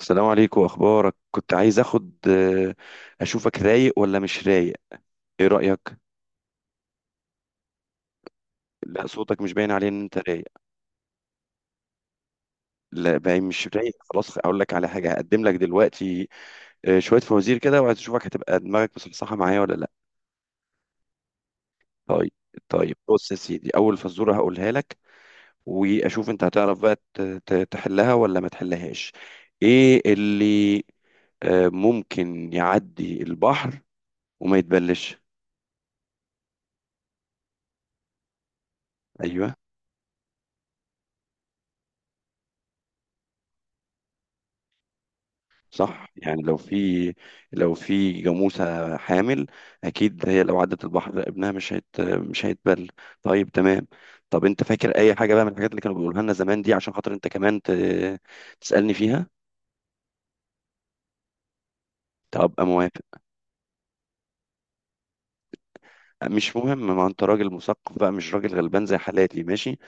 السلام عليكم. اخبارك؟ كنت عايز اخد اشوفك رايق ولا مش رايق. ايه رايك؟ لا، صوتك مش باين عليه ان انت رايق. لا، باين مش رايق. خلاص اقول لك على حاجه هقدم لك دلوقتي. شويه فوازير كده، وعايز اشوفك هتبقى دماغك مصحصحه معايا ولا لا. طيب. طيب، بص يا سيدي، اول فزوره هقولها لك، واشوف انت هتعرف بقى تحلها ولا ما تحلهاش. ايه اللي ممكن يعدي البحر وما يتبلش؟ ايوه، صح. يعني لو في جاموسة حامل، أكيد هي لو عدت البحر ابنها مش هيتبل. طيب، تمام. طب أنت فاكر أي حاجة بقى من الحاجات اللي كانوا بيقولها لنا زمان دي، عشان خاطر أنت كمان تسألني فيها. طب أبقى موافق. مش مهم، ما أنت راجل مثقف بقى، مش راجل غلبان زي حالاتي، ماشي.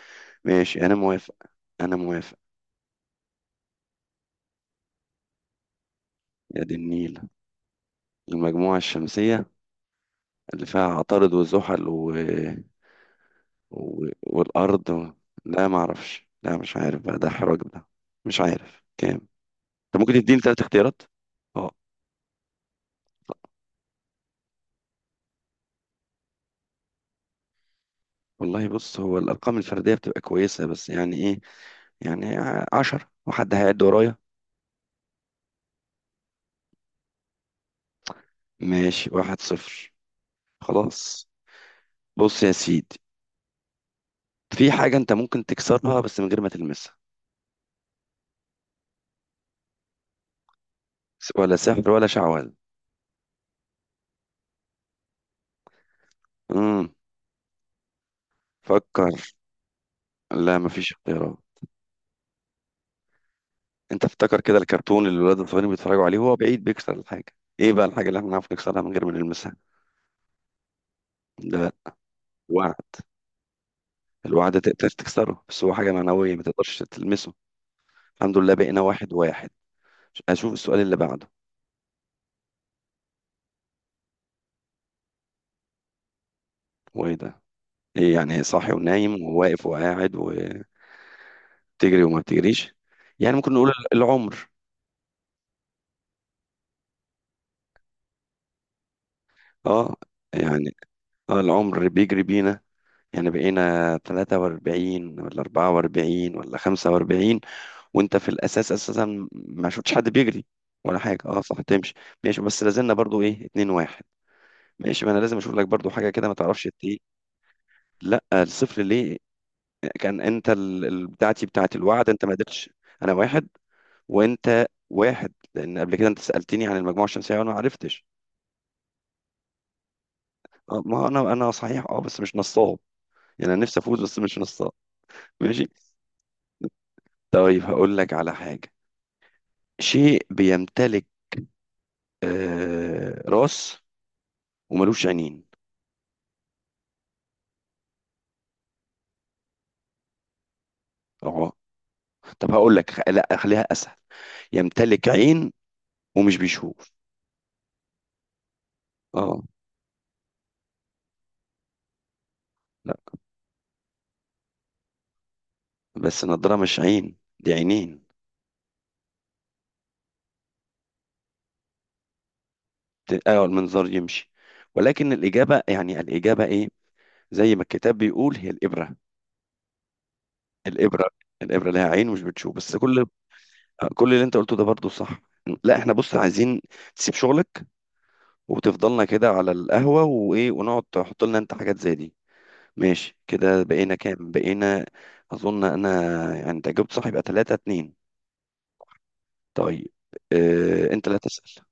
ماشي، أنا موافق. أنا موافق. يا دي النيل. المجموعة الشمسية اللي فيها عطارد وزحل والأرض. لا ما أعرفش، لا مش عارف بقى، ده حراج ده. مش عارف كام. أنت ممكن تديني ثلاث اختيارات. اه. والله بص، هو الأرقام الفردية بتبقى كويسة بس، يعني إيه؟ يعني عشرة، وحد هيعد ورايا. ماشي، واحد صفر. خلاص. بص يا سيدي، في حاجة أنت ممكن تكسرها بس من غير ما تلمسها، ولا سحر ولا شعوذة. امم فكر. لا، مفيش اختيارات. انت افتكر كده الكرتون اللي الولاد الصغيرين بيتفرجوا عليه، وهو بعيد بيكسر الحاجه. ايه بقى الحاجه اللي احنا نعرف نكسرها من غير ما نلمسها؟ ده الوعد. الوعد تقدر تكسره بس هو حاجه معنويه، ما تقدرش تلمسه. الحمد لله بقينا واحد واحد. اشوف السؤال اللي بعده. هو ايه ده؟ ايه يعني صاحي ونايم وواقف وقاعد وتجري وما بتجريش. يعني ممكن نقول العمر. اه، يعني اه العمر بيجري بينا، يعني بقينا 43 ولا 44 ولا 45، وانت في الاساس اساسا ما شفتش حد بيجري ولا حاجه. اه صح، تمشي. ماشي بس لازلنا برضو ايه، 2 واحد. ماشي، ما انا لازم اشوف لك برضو حاجه كده ما تعرفش إنت ايه. لا، الصفر ليه؟ كان انت بتاعتي بتاعت الوعد، انت ما قدرتش. انا واحد وانت واحد، لان قبل كده انت سالتني عن المجموعه الشمسيه وانا ما عرفتش. ما انا صحيح اه، بس مش نصاب. يعني انا نفسي افوز بس مش نصاب. ماشي. طيب هقول لك على حاجه، شيء بيمتلك راس وملوش عينين. طب هقول لك لا خليها اسهل، يمتلك عين ومش بيشوف. اه لا. بس النضاره مش عين، دي عينين. المنظار يمشي، ولكن الاجابه، يعني الاجابه ايه؟ زي ما الكتاب بيقول، هي الابره الابره لها عين ومش بتشوف بس. كل اللي انت قلته ده برضو صح. لا احنا بص عايزين تسيب شغلك وتفضلنا كده على القهوه وايه، ونقعد تحط لنا انت حاجات زي دي. ماشي، كده بقينا كام بقينا؟ اظن انا، يعني انت جبت صح يبقى 3-2. طيب. انت لا تسأل.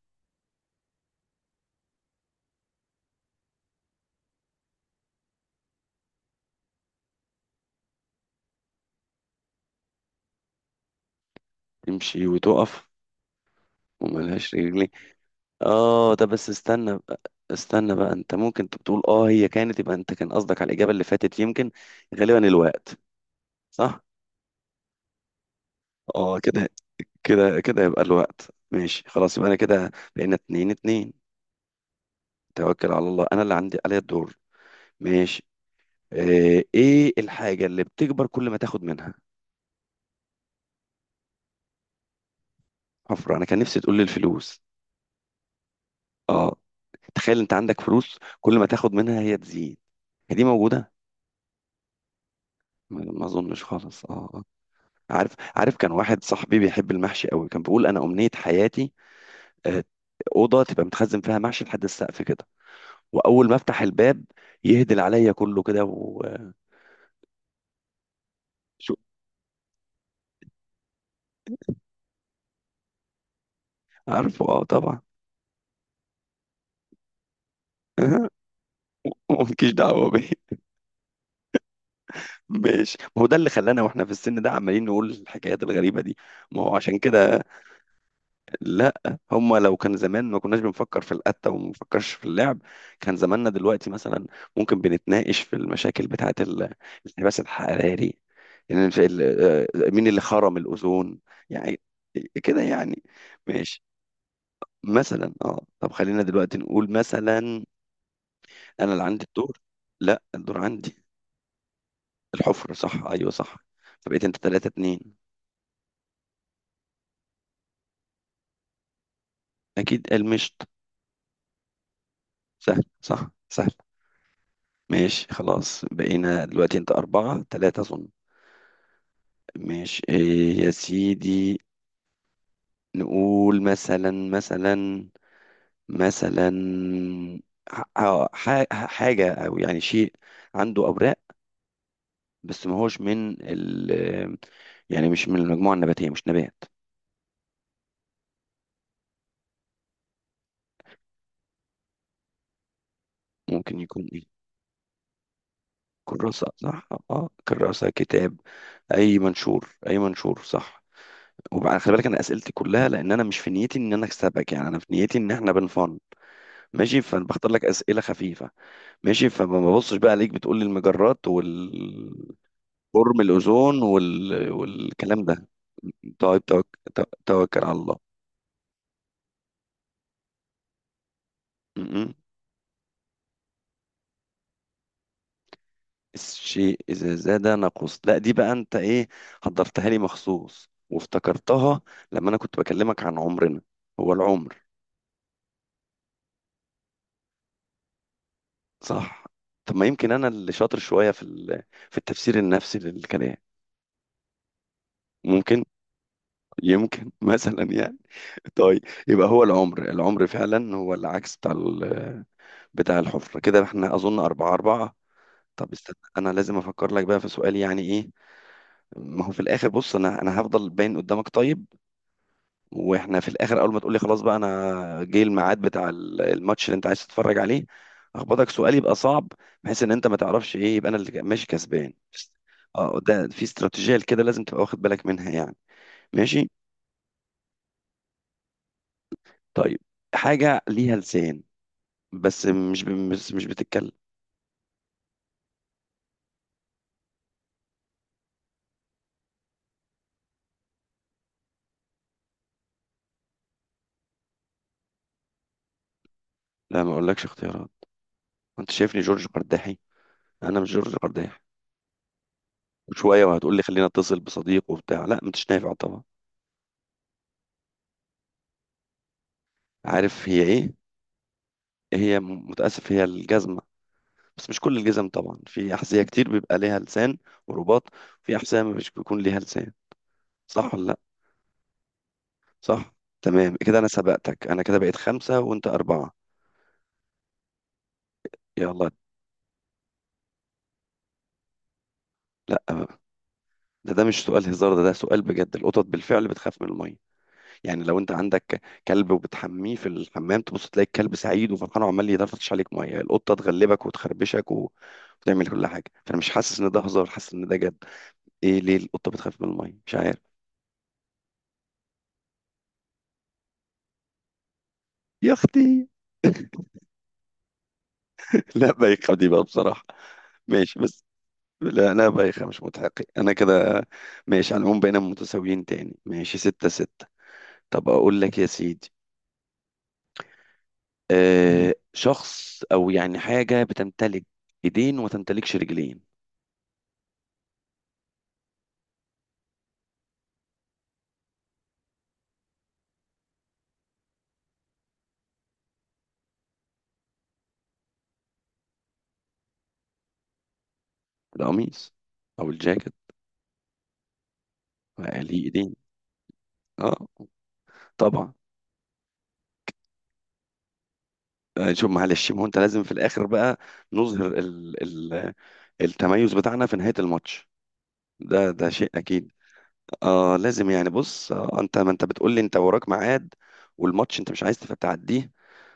تمشي وتقف وملهاش رجلين. اه، ده بس استنى بقى، انت ممكن تقول اه هي كانت، يبقى انت كان قصدك على الإجابة اللي فاتت يمكن. غالبا الوقت. صح. اه كده. كده يبقى الوقت. ماشي خلاص، يبقى انا كده بقينا اتنين اتنين. توكل على الله، انا اللي عندي، عليا الدور. ماشي. ايه الحاجة اللي بتكبر كل ما تاخد منها؟ حفرة. انا كان نفسي تقول لي الفلوس. اه، تخيل انت عندك فلوس كل ما تاخد منها هي تزيد، هي دي موجودة. ما اظنش خالص اه. عارف، كان واحد صاحبي بيحب المحشي قوي، كان بيقول انا امنية حياتي آه، اوضه تبقى متخزن فيها محشي لحد السقف كده، واول ما افتح الباب يهدل عليا كله كده وشو. عارفه اه طبعا. مالكيش دعوه بيه. ماشي، ما هو ده اللي خلانا واحنا في السن ده عمالين نقول الحكايات الغريبه دي، ما هو عشان كده. لا، هما لو كان زمان ما كناش بنفكر في القتة وما بنفكرش في اللعب. كان زماننا دلوقتي مثلا ممكن بنتناقش في المشاكل بتاعة الانحباس الحراري، إن في مين اللي خرم الأوزون، يعني. كده يعني. ماشي. مثلا اه، طب خلينا دلوقتي نقول مثلا. انا اللي عندي الدور. لا، الدور عندي. الحفر صح، ايوه صح. فبقيت انت ثلاثة اتنين. اكيد المشط. سهل صح، سهل. ماشي خلاص، بقينا دلوقتي انت أربعة تلاتة أظن. ماشي، إيه يا سيدي، نقول مثلا، مثلا ح- ح- حاجة، أو يعني شيء عنده أوراق، بس ما هوش من ال آه، يعني مش من المجموعة النباتية، مش نبات. ممكن يكون إيه؟ كراسة صح، اه كراسة كتاب. أي منشور، أي منشور صح. وبعد، خلي بالك أنا أسئلتي كلها، لأن أنا مش في نيتي إن أنا أكسبك، يعني أنا في نيتي إن إحنا بنفن. ماشي، فأنا بختار لك أسئلة خفيفة. ماشي، فما ببصش بقى عليك بتقول لي المجرات والفورم، الاوزون والكلام ده. طيب توكل على الله. م- م. الشيء اذا زاد نقص. لا، دي بقى انت ايه، حضرتها لي مخصوص وافتكرتها لما انا كنت بكلمك عن عمرنا. هو العمر. صح. طب ما يمكن انا اللي شاطر شويه في في التفسير النفسي للكلام. ممكن. يمكن. مثلا يعني. طيب يبقى هو العمر، العمر فعلا هو العكس بتاع الحفرة. كده احنا أظن أربعة أربعة. طب استنى، أنا لازم أفكر لك بقى في سؤال، يعني إيه. ما هو في الآخر بص، أنا هفضل باين قدامك طيب، وإحنا في الآخر أول ما تقولي خلاص بقى أنا جه الميعاد بتاع الماتش اللي أنت عايز تتفرج عليه، أخبطك سؤال يبقى صعب بحيث إن أنت ما تعرفش إيه، يبقى أنا اللي ماشي كسبان. أه، ده في استراتيجية كده لازم تبقى واخد بالك منها يعني. ماشي. طيب، حاجة ليها لسان بس مش بتتكلم. لا، ما أقولكش اختيارات. أنت شايفني جورج قرداحي؟ أنا مش جورج قرداحي. شويه وهتقول لي خلينا اتصل بصديق وبتاع، لا مش نافع طبعا. عارف هي ايه؟ هي متاسف، هي الجزمه. بس مش كل الجزم طبعا، في احذيه كتير بيبقى ليها لسان ورباط، في احذيه مش بيكون ليها لسان. صح ولا لا؟ صح. تمام كده، انا سبقتك، انا كده بقيت خمسه وانت اربعه. يلا. لا بقى. ده مش سؤال هزار، ده سؤال بجد، القطط بالفعل بتخاف من الميه. يعني لو انت عندك كلب وبتحميه في الحمام، تبص تلاقي الكلب سعيد وفرحان وعمال يدفش عليك ميه، القطه تغلبك وتخربشك وتعمل كل حاجه. فانا مش حاسس ان ده هزار، حاسس ان ده جد. ايه ليه القطه بتخاف من الميه؟ مش عارف. يا اختي. لا بايخه دي بقى بصراحه. ماشي بس، لا لا بايخه، مش متحقق انا كده. ماشي، على العموم بقينا متساويين تاني، ماشي ستة ستة. طب اقول لك يا سيدي، شخص او يعني حاجه بتمتلك ايدين وتمتلكش رجلين. القميص او الجاكيت بقى ليه ايدين. اه طبعا. شوف معلش، ما هو انت لازم في الاخر بقى نظهر ال ال التميز بتاعنا في نهاية الماتش، ده شيء اكيد. اه لازم يعني، بص، انت، ما انت بتقول لي انت وراك ميعاد والماتش انت مش عايز تعديه،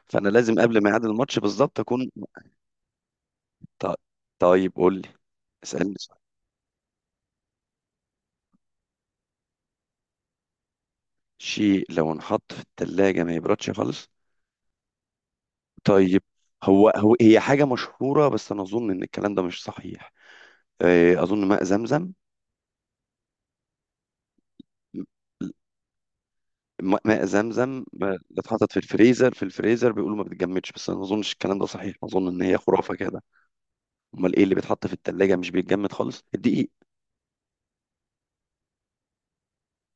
فانا لازم قبل ميعاد الماتش بالظبط اكون. ط- طيب قول لي. اسالني سؤال. شيء لو انحط في الثلاجة ما يبردش خالص. طيب، هو هو هي حاجة مشهورة بس انا اظن ان الكلام ده مش صحيح. اظن ماء زمزم. ماء زمزم اتحطت في الفريزر، في الفريزر بيقولوا ما بتتجمدش، بس انا ما اظنش الكلام ده صحيح، اظن ان هي خرافه كده. امال ايه اللي بيتحط في التلاجة مش بيتجمد خالص؟ الدقيق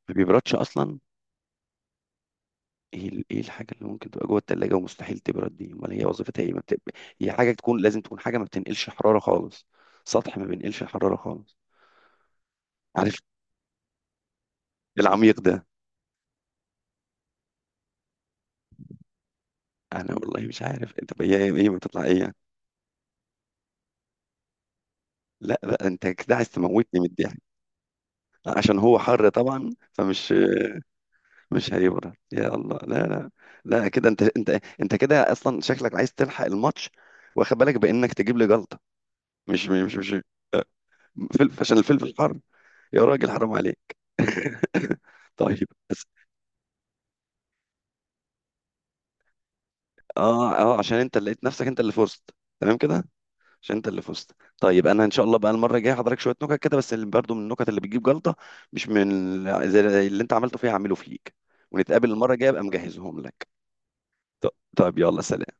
ما بيبردش اصلا. ايه ايه الحاجه اللي ممكن تبقى جوه التلاجة ومستحيل تبرد دي، امال هي وظيفتها ايه، ما بت... هي حاجه تكون حاجه ما بتنقلش حراره خالص، سطح ما بينقلش حراره خالص. عارف العميق ده. انا والله مش عارف انت هي ايه، إيه ما تطلع ايه يعني. لا لا، انت كده عايز تموتني من الضحك. عشان هو حر طبعا فمش، مش هيبرد. يا الله، لا لا. لا كده، انت كده اصلا شكلك عايز تلحق الماتش، واخد بالك بانك تجيب لي جلطه. مش مش مش آه، فلفل، عشان الفلفل حر. يا راجل حرام عليك. طيب بس. اه اه، عشان انت اللي لقيت نفسك انت اللي فزت. تمام كده. عشان انت اللي فزت. طيب انا ان شاء الله بقى المره الجايه هحضرك شويه نكت كده، بس اللي برضو من النكت اللي بتجيب جلطه، مش من زي اللي انت عملته فيها هعمله فيك، ونتقابل المره الجايه ابقى مجهزهم لك. طيب يلا، سلام.